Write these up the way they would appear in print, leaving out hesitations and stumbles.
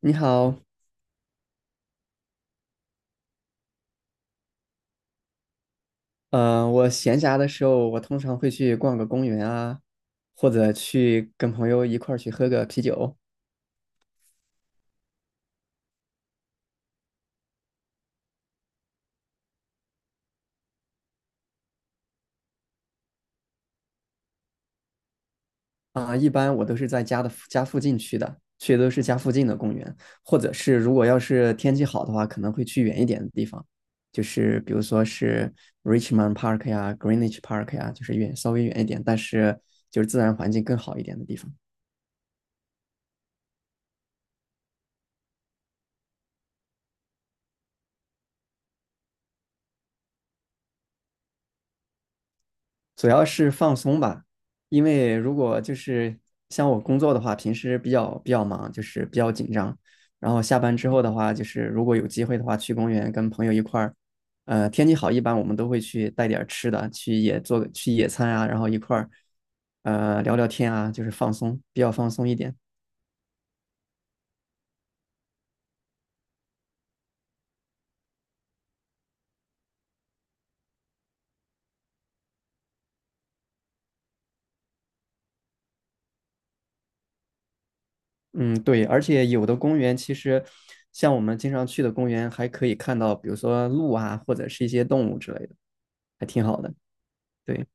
你好，我闲暇的时候，我通常会去逛个公园啊，或者去跟朋友一块儿去喝个啤酒啊。一般我都是在家的附近去的，去的都是家附近的公园，或者是如果要是天气好的话，可能会去远一点的地方，就是比如说是 Richmond Park 呀、Greenwich Park 呀，就是稍微远一点，但是就是自然环境更好一点的地方。主要是放松吧，因为如果就是像我工作的话，平时比较忙，就是比较紧张。然后下班之后的话，就是如果有机会的话，去公园跟朋友一块儿，天气好，一般我们都会去带点儿吃的，去野餐啊，然后一块儿，聊聊天啊，就是放松，比较放松一点。嗯，对，而且有的公园其实像我们经常去的公园，还可以看到，比如说鹿啊，或者是一些动物之类的，还挺好的。对，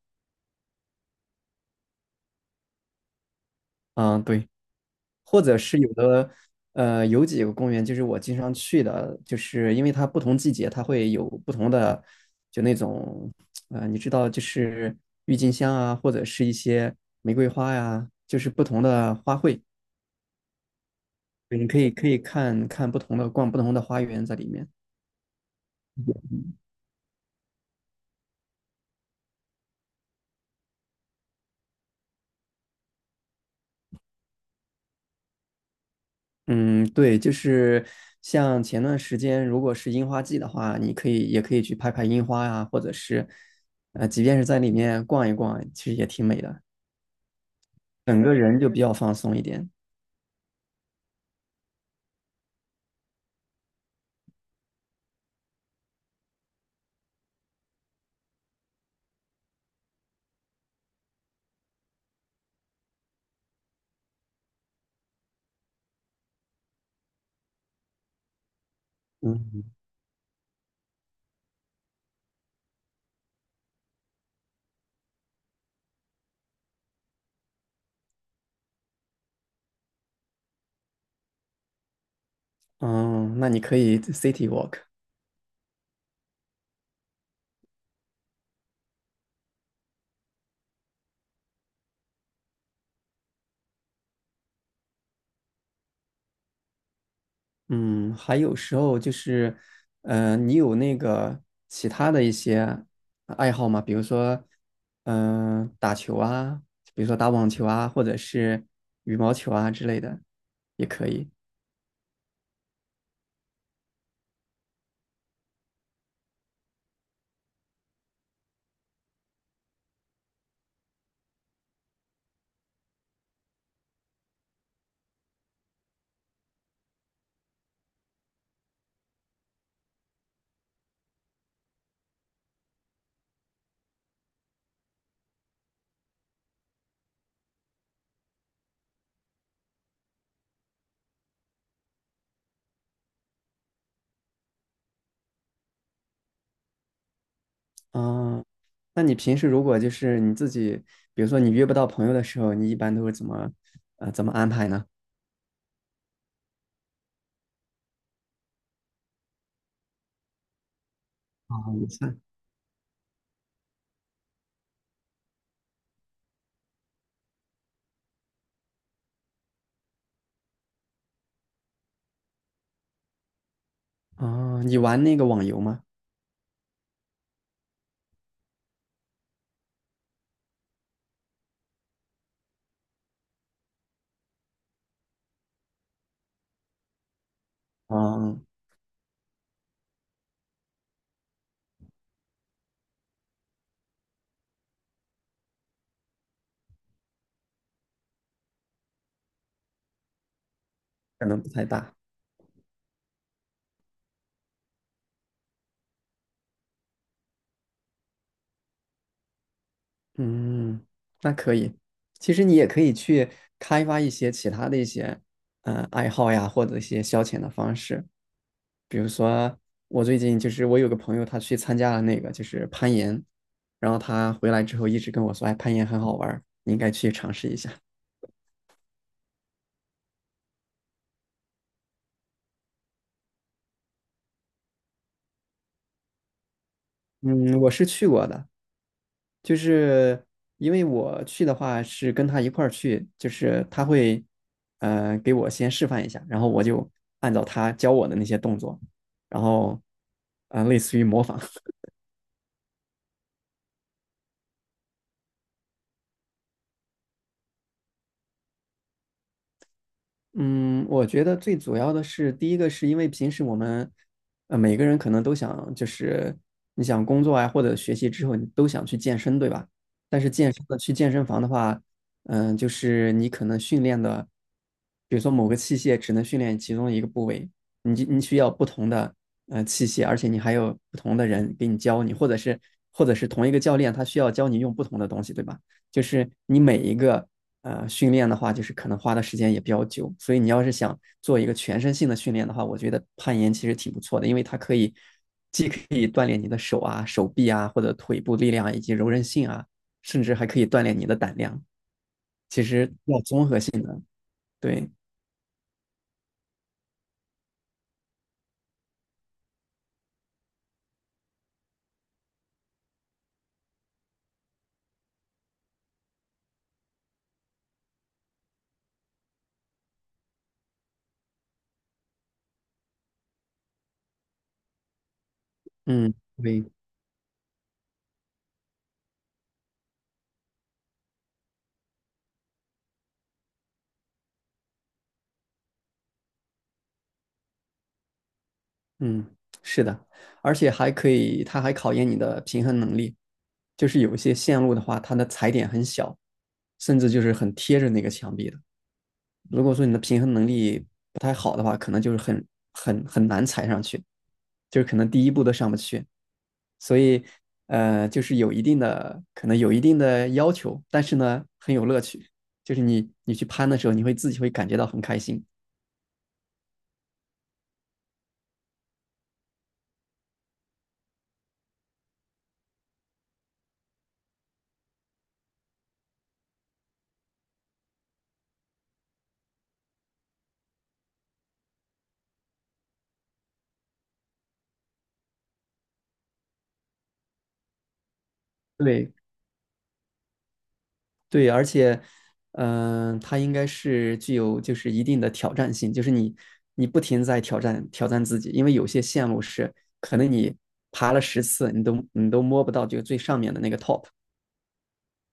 嗯，对。或者是有的，有几个公园就是我经常去的，就是因为它不同季节它会有不同的，就那种，你知道，就是郁金香啊，或者是一些玫瑰花呀、就是不同的花卉，对你可以看看不同的，逛不同的花园在里面。嗯，对，就是像前段时间，如果是樱花季的话，你也可以去拍拍樱花呀、或者是，即便是在里面逛一逛，其实也挺美的。整个人就比较放松一点。嗯，嗯，那你可以 city walk。嗯，还有时候就是，你有那个其他的一些爱好吗？比如说，嗯、打球啊，比如说打网球啊，或者是羽毛球啊之类的，也可以。嗯，那你平时如果就是你自己，比如说你约不到朋友的时候，你一般都是怎么，怎么安排呢？啊，你玩那个网游吗？啊。可能不太大。嗯，那可以。其实你也可以去开发一些其他的一些爱好呀，或者一些消遣的方式。比如说，我最近就是我有个朋友，他去参加了那个就是攀岩，然后他回来之后一直跟我说，哎，攀岩很好玩儿你应该去尝试一下。嗯，我是去过的，就是因为我去的话是跟他一块儿去，就是他会，给我先示范一下，然后我就按照他教我的那些动作，然后，类似于模仿。嗯，我觉得最主要的是，第一个是因为平时我们，每个人可能都想，就是你想工作啊或者学习之后，你都想去健身，对吧？但是健身的去健身房的话，嗯，就是你可能训练的，比如说某个器械只能训练其中一个部位，你就你需要不同的器械，而且你还有不同的人给你教你，或者是同一个教练他需要教你用不同的东西，对吧？就是你每一个训练的话，就是可能花的时间也比较久，所以你要是想做一个全身性的训练的话，我觉得攀岩其实挺不错的，因为它可以既可以锻炼你的手啊、手臂啊，或者腿部力量啊以及柔韧性啊，甚至还可以锻炼你的胆量。其实要综合性的，对，嗯，对，嗯，是的，而且还可以，它还考验你的平衡能力。就是有一些线路的话，它的踩点很小，甚至就是很贴着那个墙壁的。如果说你的平衡能力不太好的话，可能就是很很难踩上去，就是可能第一步都上不去。所以，就是有一定的要求，但是呢，很有乐趣。就是你去攀的时候，你会自己会感觉到很开心。对对，而且，嗯、它应该是具有就是一定的挑战性，就是你不停在挑战自己，因为有些线路是可能你爬了十次，你都摸不到这个最上面的那个 top。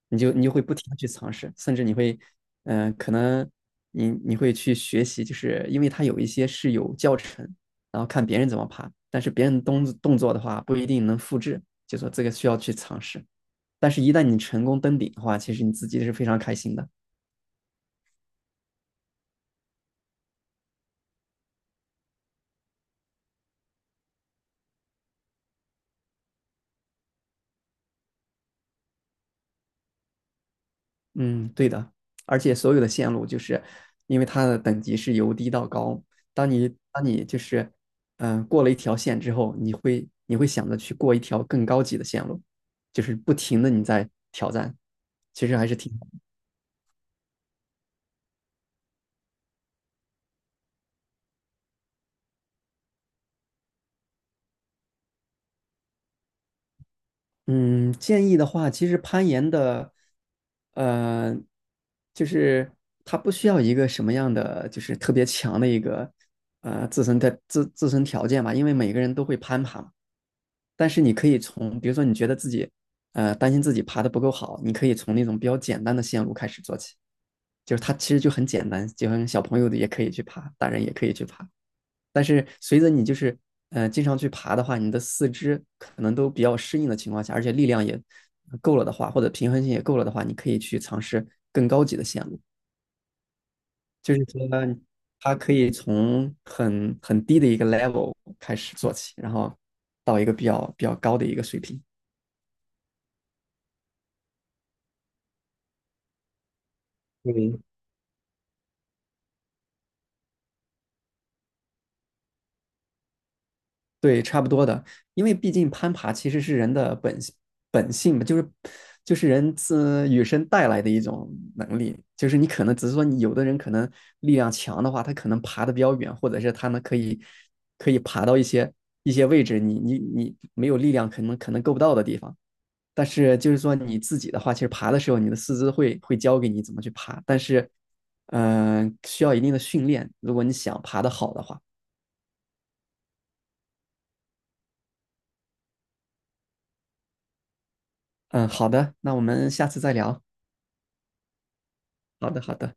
你就会不停的去尝试，甚至你会，嗯、可能你会去学习，就是因为它有一些是有教程，然后看别人怎么爬，但是别人动作的话不一定能复制，就说这个需要去尝试。但是，一旦你成功登顶的话，其实你自己是非常开心的。嗯，对的，而且所有的线路就是因为它的等级是由低到高，当你就是嗯、过了一条线之后，你会想着去过一条更高级的线路，就是不停的你在挑战，其实还是挺。嗯，建议的话，其实攀岩的呃就是它不需要一个什么样的就是特别强的一个自身的自身条件吧，因为每个人都会攀爬嘛。但是你可以从，比如说你觉得自己，担心自己爬的不够好，你可以从那种比较简单的线路开始做起，就是它其实就很简单，就像小朋友的也可以去爬，大人也可以去爬。但是随着你就是，经常去爬的话，你的四肢可能都比较适应的情况下，而且力量也够了的话，或者平衡性也够了的话，你可以去尝试更高级的线路，就是说它可以从很低的一个 level 开始做起，然后到一个比较高的一个水平。嗯，对，差不多的，因为毕竟攀爬其实是人的本性嘛，就是就是人自与生带来的一种能力，就是你可能只是说你有的人可能力量强的话，他可能爬的比较远，或者是他们可以爬到一些位置，你没有力量可能够不到的地方。但是就是说你自己的话，其实爬的时候你的四肢会教给你怎么去爬，但是嗯、需要一定的训练，如果你想爬得好的话。嗯，好的，那我们下次再聊。好的，好的。